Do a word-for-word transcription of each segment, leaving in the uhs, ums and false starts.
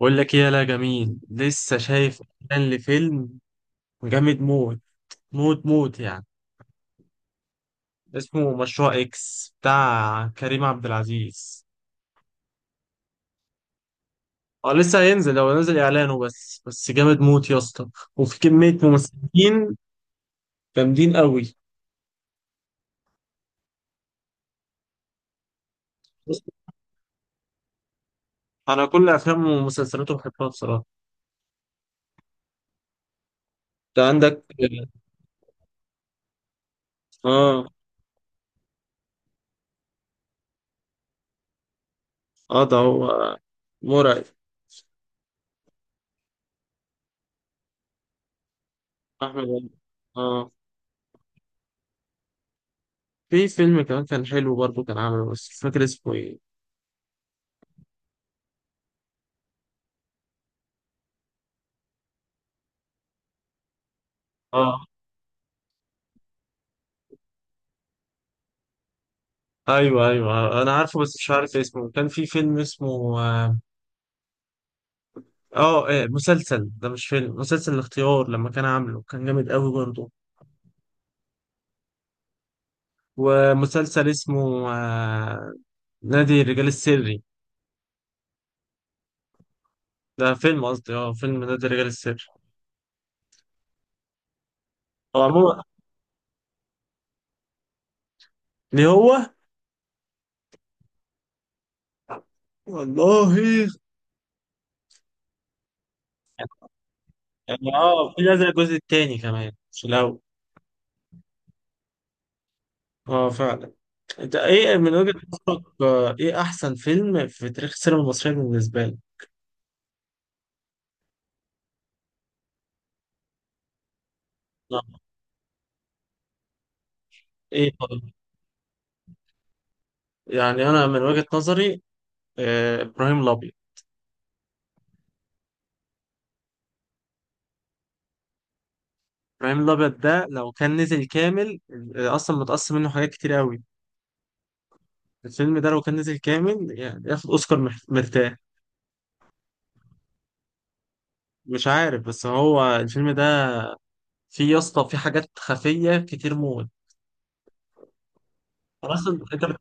بقول لك ايه يا لا جميل، لسه شايف اعلان لفيلم جامد موت، موت موت يعني. اسمه مشروع اكس بتاع كريم عبد العزيز. اه، لسه هينزل، هو نزل اعلانه بس بس جامد موت يا اسطى. وفي كمية ممثلين جامدين قوي. انا كل افلامه ومسلسلاته بحبها بصراحة. انت عندك؟ اه اه، ده هو. مرعب. احمد عز. اه، في فيلم كمان كان حلو برضه كان عامله، بس مش فاكر اسمه ايه. اه ايوه ايوه، انا عارفه بس مش عارف اسمه، كان في فيلم اسمه اه آه، إيه، مسلسل ده، مش فيلم، مسلسل الاختيار، لما كان عامله كان جامد قوي برضه. ومسلسل اسمه آه نادي الرجال السري. ده فيلم، قصدي اه فيلم نادي الرجال السري. هو عموما، ليه هو، والله. يعني اه، في نزل الجزء التاني كمان، مش الاول. اه فعلا. انت ايه من وجهة نظرك، آه، ايه احسن فيلم في تاريخ السينما المصرية بالنسبة لك؟ آه، ايه طيب. يعني انا من وجهة نظري آه، ابراهيم الابيض. ابراهيم الابيض ده لو كان نزل كامل، آه، اصلا متقسم منه حاجات كتير قوي. الفيلم ده لو كان نزل كامل يعني ياخد اوسكار مح- مرتاح. مش عارف، بس هو الفيلم ده فيه يا اسطى، فيه حاجات خفية كتير موت. أنا اصلا انت بت-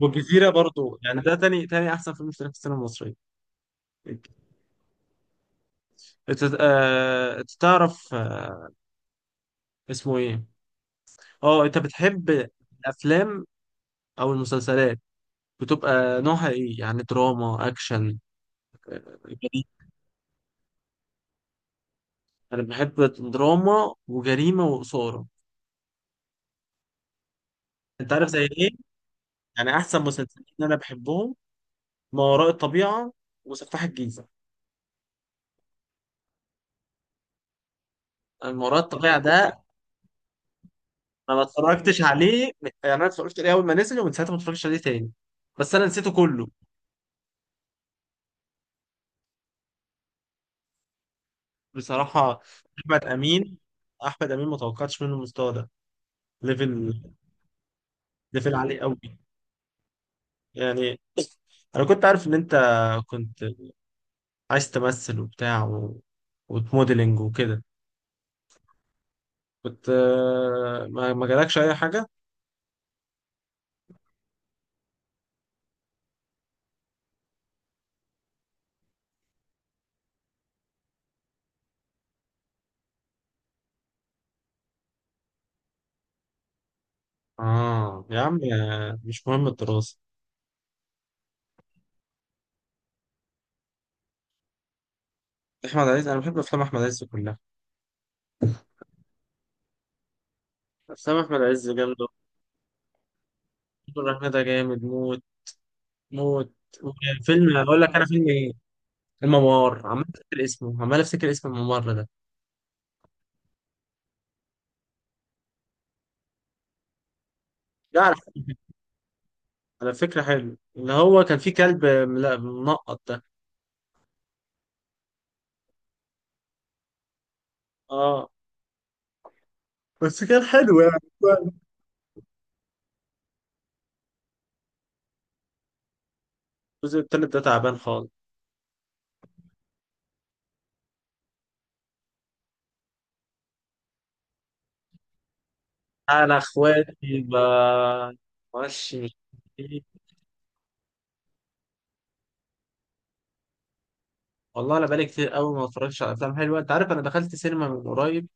والجزيرة برضو، يعني ده تاني تاني احسن فيلم في تاريخ السينما المصرية. انت آه، أنت تعرف، آه، اسمه ايه. اه، انت بتحب الافلام او المسلسلات بتبقى نوعها ايه؟ يعني دراما، اكشن، جريمة. انا بحب دراما وجريمه واثاره. انت عارف زي ايه؟ يعني احسن مسلسلين انا بحبهم: ما وراء الطبيعه وسفاح الجيزه. أنا ما وراء الطبيعه ده، انا ما اتفرجتش عليه. يعني انا اتفرجت عليه اول ما نزل، ومن ساعتها ما اتفرجتش عليه تاني. بس انا نسيته كله. بصراحه، احمد امين، احمد امين ما توقعتش منه المستوى ده. ليفل، ليفل عالي قوي. يعني انا كنت عارف ان انت كنت عايز تمثل وبتاع و... وتموديلنج وكده. كنت آه، ما ما جالكش اي حاجه. اه يا عم، آه، مش مهم الدراسه. احمد عز، انا بحب افلام احمد عز كلها. افلام احمد عز جامده. الفيل الرحمن ده جامد موت، موت. فيلم اقول لك انا، فيلم ايه؟ الممر. عمال افتكر اسمه عمال افتكر اسم الممر ده. لا، على على فكره حلو، اللي هو كان فيه كلب ملا- منقط ده. اه، بس كان حلو يعني. الجزء التالت ده تعبان خالص. انا اخواتي، ب ماشي. والله انا بقالي كتير قوي ما اتفرجتش على افلام حلوه. انت عارف انا دخلت سينما من قريب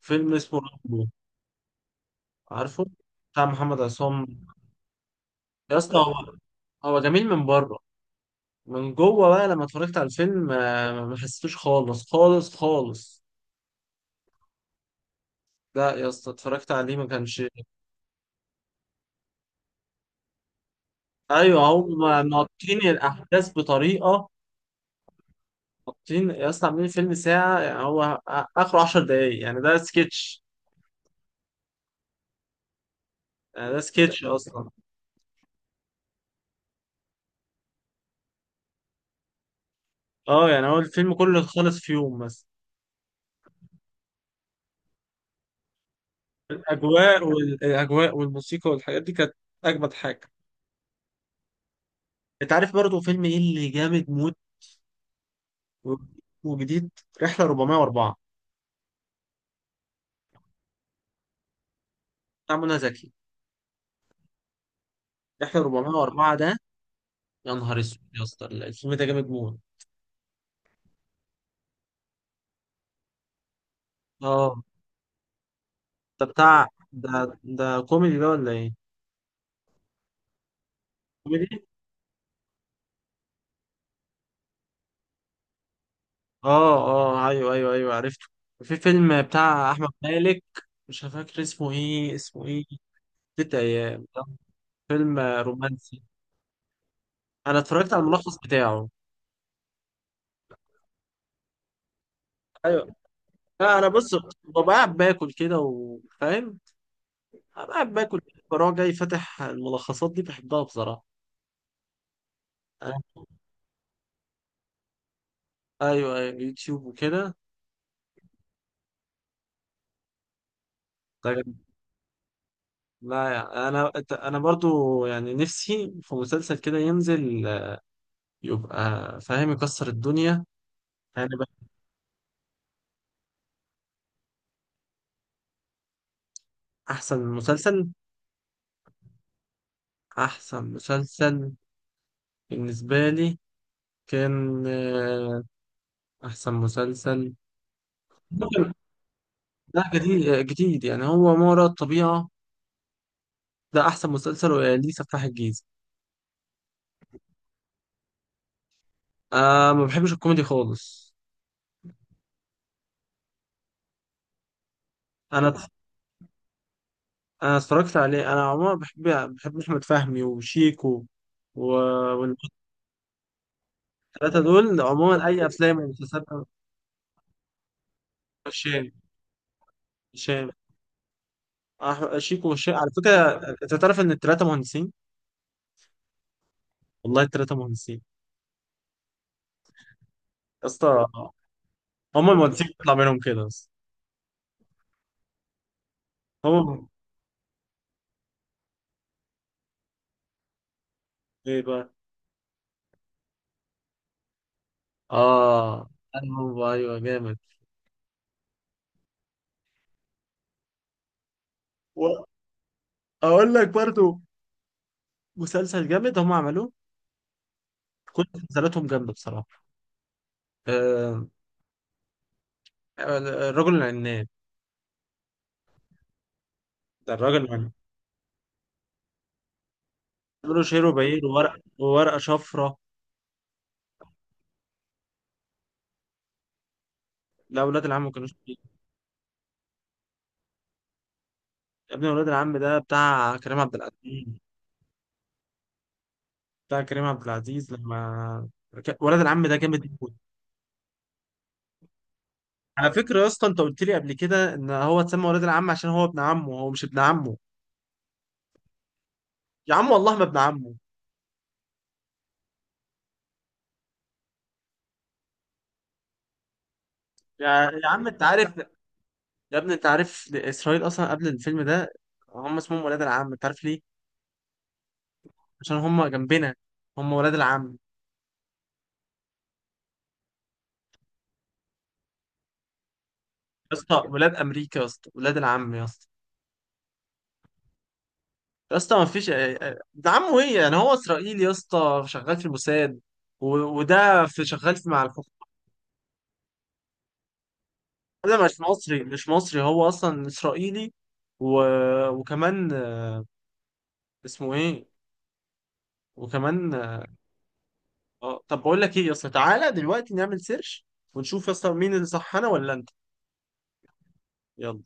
فيلم اسمه رامبو. عارفه؟ بتاع محمد عصام. يا اسطى هو، هو جميل من بره. من جوه بقى لما اتفرجت على الفيلم آه، ما حسيتوش خالص خالص خالص. لا يا اسطى، اتفرجت عليه ما كانش. ايوه، هم ناطين الاحداث بطريقه. ناطين يا اسطى، عاملين فيلم ساعه، يعني هو اخره 10 دقايق. يعني ده سكتش. يعني ده سكتش اصلا. اه يعني هو الفيلم كله خلص في يوم مثلا. الاجواء، والاجواء والموسيقى والحاجات دي كانت اجمد حاجه. انت عارف برضه فيلم ايه اللي جامد موت؟ و- وجديد، رحله اربعمية واربعه. بتاع منى زكي، رحله اربعمية واربعه ده. يا نهار اسود يا اسطى، الفيلم ده جامد موت. اه، ده بتاع ده ده كوميدي ده ولا ايه؟ كوميدي. اه اه، ايوه ايوه ايوه، عرفته. في فيلم بتاع احمد مالك، مش فاكر اسمه ايه، اسمه ايه؟ ست ايام ده فيلم رومانسي. انا اتفرجت على الملخص بتاعه. ايوه، لا انا بص، ببقى قاعد باكل كده وفاهم، أبقى قاعد باكل، بروح جاي فاتح الملخصات دي، بحبها بصراحه. أنا- ايوه ايوه، يوتيوب وكده. طيب، لا يعني انا، انا برضو يعني نفسي في مسلسل كده ينزل، يبقى فاهم، يكسر الدنيا. يعني بقى احسن مسلسل، احسن مسلسل بالنسبه لي كان آه، احسن مسلسل. ممكن- لا، جديد جديد يعني، هو ما وراء الطبيعه. ده احسن مسلسل، ليه؟ سفاح الجيزه. آه، ما بحبش الكوميدي خالص. انا، انا اتفرجت عليه. انا عموما بحب، بحب احمد فهمي وشيكو و... والثلاثه دول عموما اي افلام ومسلسلات. هشام. هشام أح- شيكو وهشام على فكره، انت تعرف ان الثلاثه مهندسين. والله الثلاثه مهندسين. يا اسطى، هم المهندسين بيطلع منهم كده بس. هم؟ ايه بقى؟ اه، أنا هو ايوه جامد. واقول لك برضو، مسلسل جامد هم عملوه. كل مسلسلاتهم جامده بصراحه. آه، الرجل العناد. ده الراجل العناد، بيعملوا شير وبهير، وورق وورقة شفرة. لا، ولاد العم ما كانوش فيه. يا ابني، ولاد العم ده بتاع كريم عبد العزيز. بتاع كريم عبد العزيز لما ك- ولاد العم ده جامد موت. على فكرة يا اسطى، انت قلت لي قبل كده ان هو اتسمى ولاد العم عشان هو ابن عمه. هو مش ابن عمه. يا عم والله ما ابن عمه. يا يا عم انت عارف. يا ابني انت عارف، اسرائيل اصلا قبل الفيلم ده هم اسمهم ولاد العم، انت عارف ليه؟ عشان هم جنبنا، هم ولاد العم. يا اسطى ولاد امريكا، يا اسطى ولاد العم يا اسطى. يا اسطى، ما فيش. ده عمه ايه يعني، هو اسرائيلي يا اسطى شغال في الموساد، و... وده في شغال في مع الحكومه. ده مش مصري، مش مصري، هو اصلا اسرائيلي. و... وكمان آه، اسمه ايه، وكمان آه، طب بقول لك ايه يا اسطى، تعالى دلوقتي نعمل سيرش ونشوف يا اسطى مين اللي صح، انا ولا انت. يلا.